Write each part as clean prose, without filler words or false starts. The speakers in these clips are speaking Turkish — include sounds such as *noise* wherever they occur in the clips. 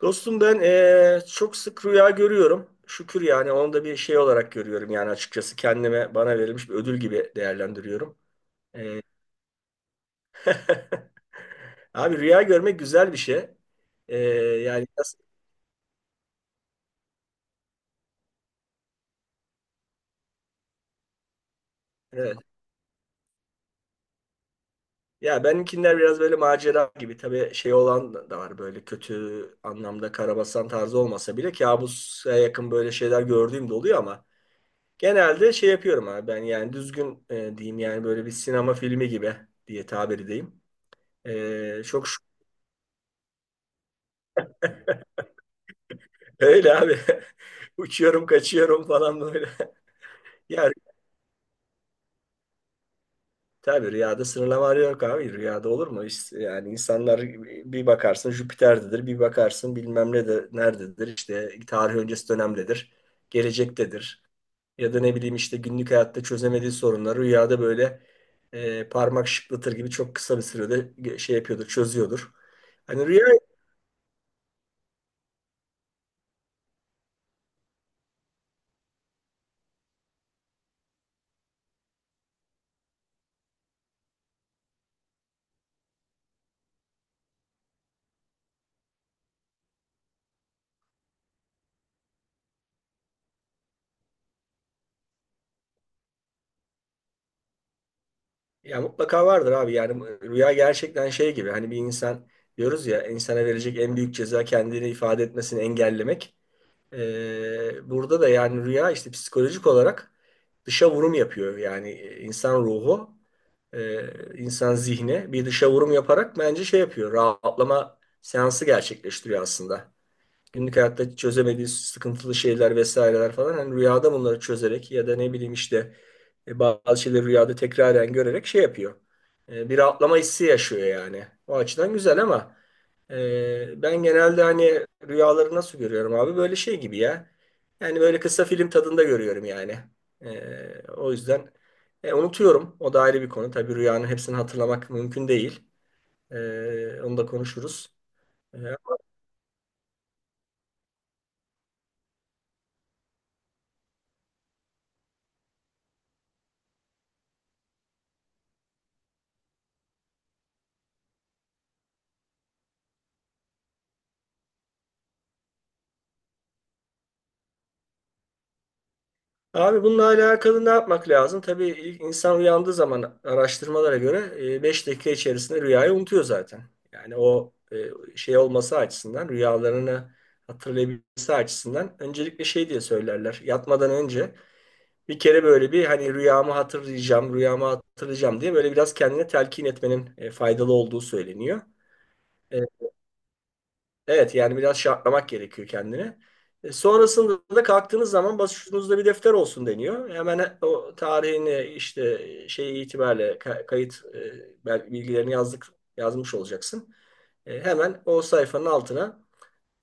Dostum ben çok sık rüya görüyorum. Şükür, yani onu da bir şey olarak görüyorum, yani açıkçası kendime bana verilmiş bir ödül gibi değerlendiriyorum. *laughs* Abi rüya görmek güzel bir şey. Eee, yani nasıl- evet. Ya benimkiler biraz böyle macera gibi, tabii şey olan da var, böyle kötü anlamda karabasan tarzı olmasa bile kabusa yakın böyle şeyler gördüğüm de oluyor ama genelde şey yapıyorum abi ben, yani düzgün diyeyim, yani böyle bir sinema filmi gibi diye tabir edeyim. Çok şükür. Öyle abi. *laughs* Uçuyorum, kaçıyorum falan böyle. *laughs* Ya tabii rüyada sınırlama yok abi. Rüyada olur mu? İşte, yani insanlar bir bakarsın Jüpiter'dedir, bir bakarsın bilmem ne de nerededir. İşte tarih öncesi dönemdedir, gelecektedir. Ya da ne bileyim, işte günlük hayatta çözemediği sorunları rüyada böyle parmak şıklatır gibi çok kısa bir sürede şey yapıyordur, çözüyordur. Hani rüya Ya mutlaka vardır abi, yani rüya gerçekten şey gibi, hani bir insan diyoruz ya, insana verecek en büyük ceza kendini ifade etmesini engellemek. Burada da yani rüya işte psikolojik olarak dışa vurum yapıyor, yani insan ruhu, insan zihni bir dışa vurum yaparak bence şey yapıyor, rahatlama seansı gerçekleştiriyor aslında. Günlük hayatta çözemediği sıkıntılı şeyler vesaireler falan, hani rüyada bunları çözerek ya da ne bileyim, işte bazı şeyleri rüyada tekraren görerek şey yapıyor. Bir rahatlama hissi yaşıyor yani. O açıdan güzel ama ben genelde hani rüyaları nasıl görüyorum abi? Böyle şey gibi ya. Yani böyle kısa film tadında görüyorum yani. O yüzden unutuyorum. O da ayrı bir konu. Tabii rüyanın hepsini hatırlamak mümkün değil. Onu da konuşuruz. E, Abi bununla alakalı ne yapmak lazım? Tabii ilk insan uyandığı zaman, araştırmalara göre 5 dakika içerisinde rüyayı unutuyor zaten. Yani o şey olması açısından, rüyalarını hatırlayabilmesi açısından, öncelikle şey diye söylerler. Yatmadan önce bir kere böyle bir, hani rüyamı hatırlayacağım, rüyamı hatırlayacağım diye böyle biraz kendine telkin etmenin faydalı olduğu söyleniyor. E, Evet, yani biraz şartlamak gerekiyor kendini. Sonrasında da kalktığınız zaman başucunuzda bir defter olsun deniyor. Hemen o tarihini, işte şey itibariyle kayıt bilgilerini yazmış olacaksın. Hemen o sayfanın altına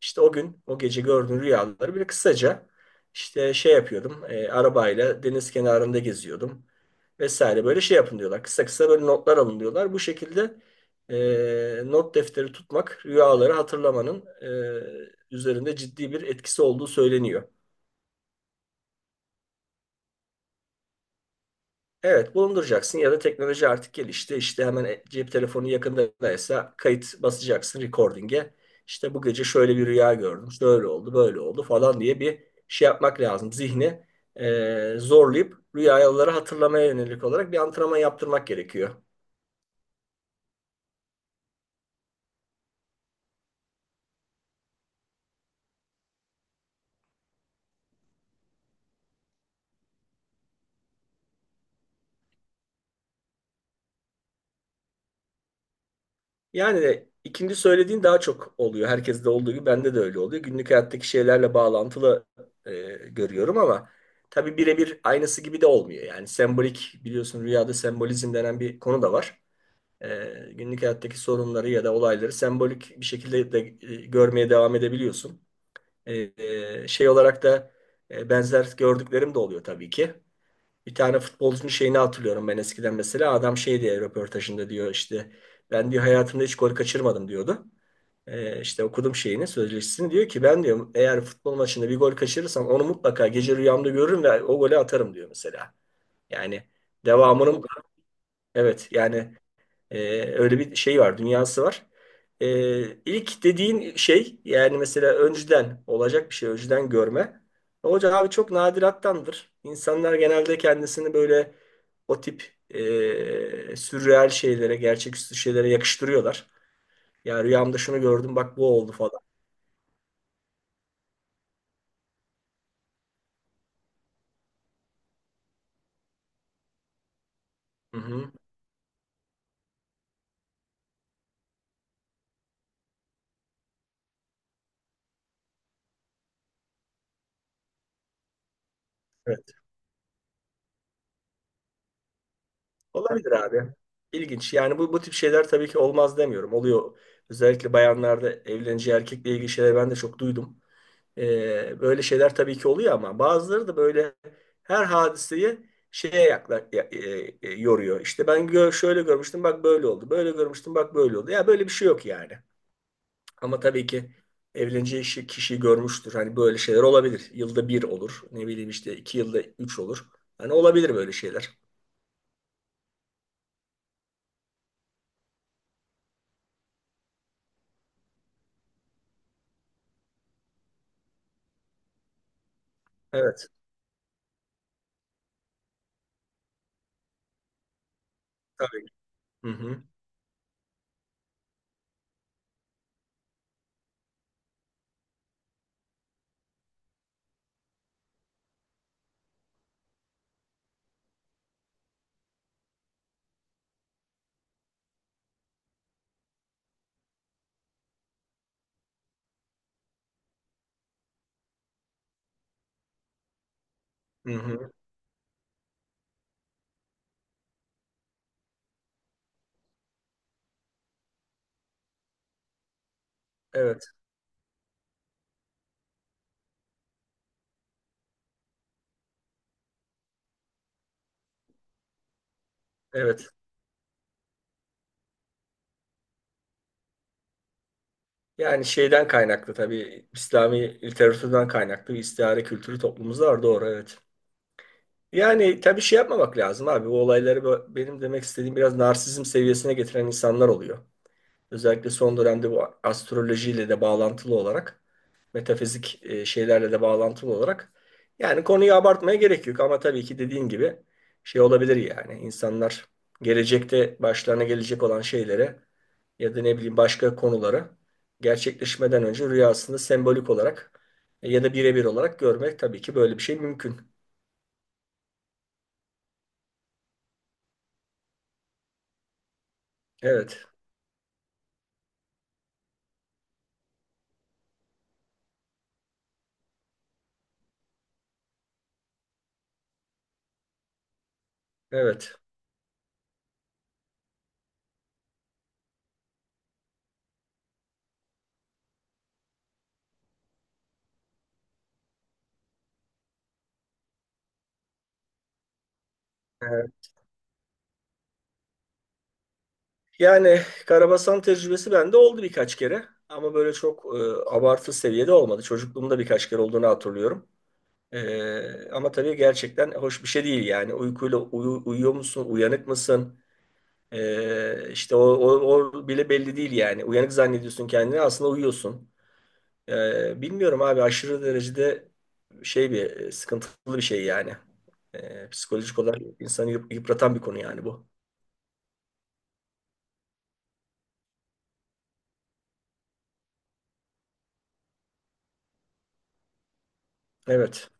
işte o gün, o gece gördüğün rüyaları böyle kısaca, işte şey yapıyordum, arabayla deniz kenarında geziyordum vesaire böyle şey yapın diyorlar. Kısa kısa böyle notlar alın diyorlar. Bu şekilde not defteri tutmak, rüyaları hatırlamanın üzerinde ciddi bir etkisi olduğu söyleniyor. Evet, bulunduracaksın ya da teknoloji artık gelişti. İşte hemen cep telefonu yakındaysa kayıt basacaksın recording'e. İşte bu gece şöyle bir rüya gördüm. Şöyle oldu, böyle oldu falan diye bir şey yapmak lazım. Zihni zorlayıp rüyaları hatırlamaya yönelik olarak bir antrenman yaptırmak gerekiyor. Yani ikinci söylediğin daha çok oluyor. Herkeste olduğu gibi bende de öyle oluyor. Günlük hayattaki şeylerle bağlantılı e, görüyorum ama tabii birebir aynısı gibi de olmuyor. Yani sembolik, biliyorsun rüyada sembolizm denen bir konu da var. E, Günlük hayattaki sorunları ya da olayları sembolik bir şekilde de görmeye devam edebiliyorsun. E, Şey olarak da benzer gördüklerim de oluyor tabii ki. Bir tane futbolcunun şeyini hatırlıyorum ben, eskiden mesela. Adam şey diye röportajında diyor, işte ben diyor hayatımda hiç gol kaçırmadım diyordu. İşte okudum şeyini, sözleşmesini, diyor ki ben diyor, eğer futbol maçında bir gol kaçırırsam onu mutlaka gece rüyamda görürüm ve o golü atarım diyor mesela. Yani devamının evet, yani ee, öyle bir şey var, dünyası var. İlk dediğin şey, yani mesela önceden olacak bir şey, önceden görme. Hocam abi çok nadirattandır. İnsanlar genelde kendisini böyle o tip sürreal şeylere, gerçeküstü şeylere yakıştırıyorlar. Ya rüyamda şunu gördüm bak bu oldu falan. Hı hı. Evet. Olabilir abi. İlginç. Yani bu tip şeyler tabii ki olmaz demiyorum. Oluyor. Özellikle bayanlarda evleneceği erkekle ilgili şeyler ben de çok duydum. Böyle şeyler tabii ki oluyor ama bazıları da böyle her hadiseyi şeye yakla, ya- e, e, yoruyor. İşte ben şöyle görmüştüm bak böyle oldu. Böyle görmüştüm bak böyle oldu. Ya böyle bir şey yok yani. Ama tabii ki evleneceği kişiyi görmüştür. Hani böyle şeyler olabilir. Yılda bir olur. Ne bileyim, işte 2 yılda üç olur. Hani olabilir böyle şeyler. Evet, tabii. Hı hı. Hı hı. Evet. Evet. Yani şeyden kaynaklı, tabii İslami literatürden kaynaklı bir istihare kültürü toplumumuzda var, doğru, evet. Yani tabii şey yapmamak lazım abi. Bu olayları benim demek istediğim, biraz narsizm seviyesine getiren insanlar oluyor. Özellikle son dönemde bu astrolojiyle de bağlantılı olarak, metafizik şeylerle de bağlantılı olarak. Yani konuyu abartmaya gerek yok ama tabii ki dediğin gibi şey olabilir yani. İnsanlar gelecekte başlarına gelecek olan şeylere ya da ne bileyim başka konuları, gerçekleşmeden önce rüyasında sembolik olarak ya da birebir olarak görmek, tabii ki böyle bir şey mümkün. Evet, evet. Ee, Yani karabasan tecrübesi bende oldu birkaç kere. Ama böyle çok abartı seviyede olmadı. Çocukluğumda birkaç kere olduğunu hatırlıyorum. Ama tabii gerçekten hoş bir şey değil yani. Uykuyla uyuyor musun, uyanık mısın? İşte o bile belli değil yani. Uyanık zannediyorsun kendini, aslında uyuyorsun. Bilmiyorum abi, aşırı derecede şey bir sıkıntılı bir şey yani. Psikolojik olarak insanı yıpratan bir konu yani bu. Evet.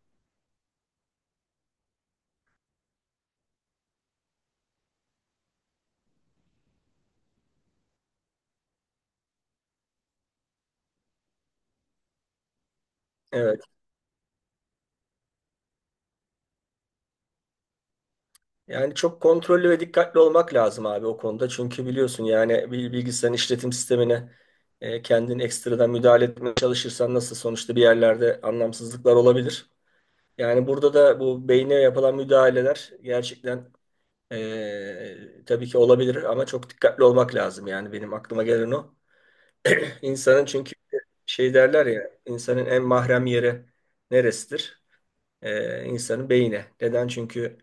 Evet. Yani çok kontrollü ve dikkatli olmak lazım abi o konuda. Çünkü biliyorsun, yani bir bilgisayarın işletim sistemine kendin ekstradan müdahale etmeye çalışırsan, nasıl sonuçta bir yerlerde anlamsızlıklar olabilir. Yani burada da bu beyne yapılan müdahaleler gerçekten tabii ki olabilir ama çok dikkatli olmak lazım. Yani benim aklıma gelen o. İnsanın çünkü şey derler ya, insanın en mahrem yeri neresidir? İnsanın beyni. Neden? Çünkü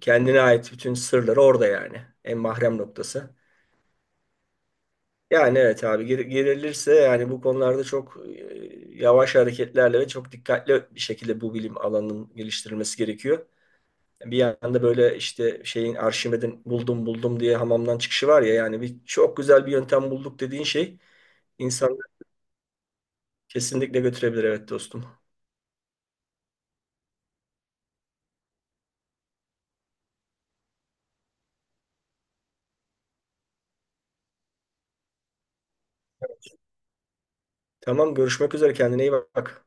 kendine ait bütün sırları orada yani. En mahrem noktası. Yani evet abi, girilirse yani bu konularda çok yavaş hareketlerle ve çok dikkatli bir şekilde bu bilim alanının geliştirilmesi gerekiyor. Bir yanda böyle işte şeyin, Arşimed'in buldum buldum diye hamamdan çıkışı var ya, yani bir çok güzel bir yöntem bulduk dediğin şey insanları kesinlikle götürebilir, evet dostum. Tamam, görüşmek üzere, kendine iyi bak.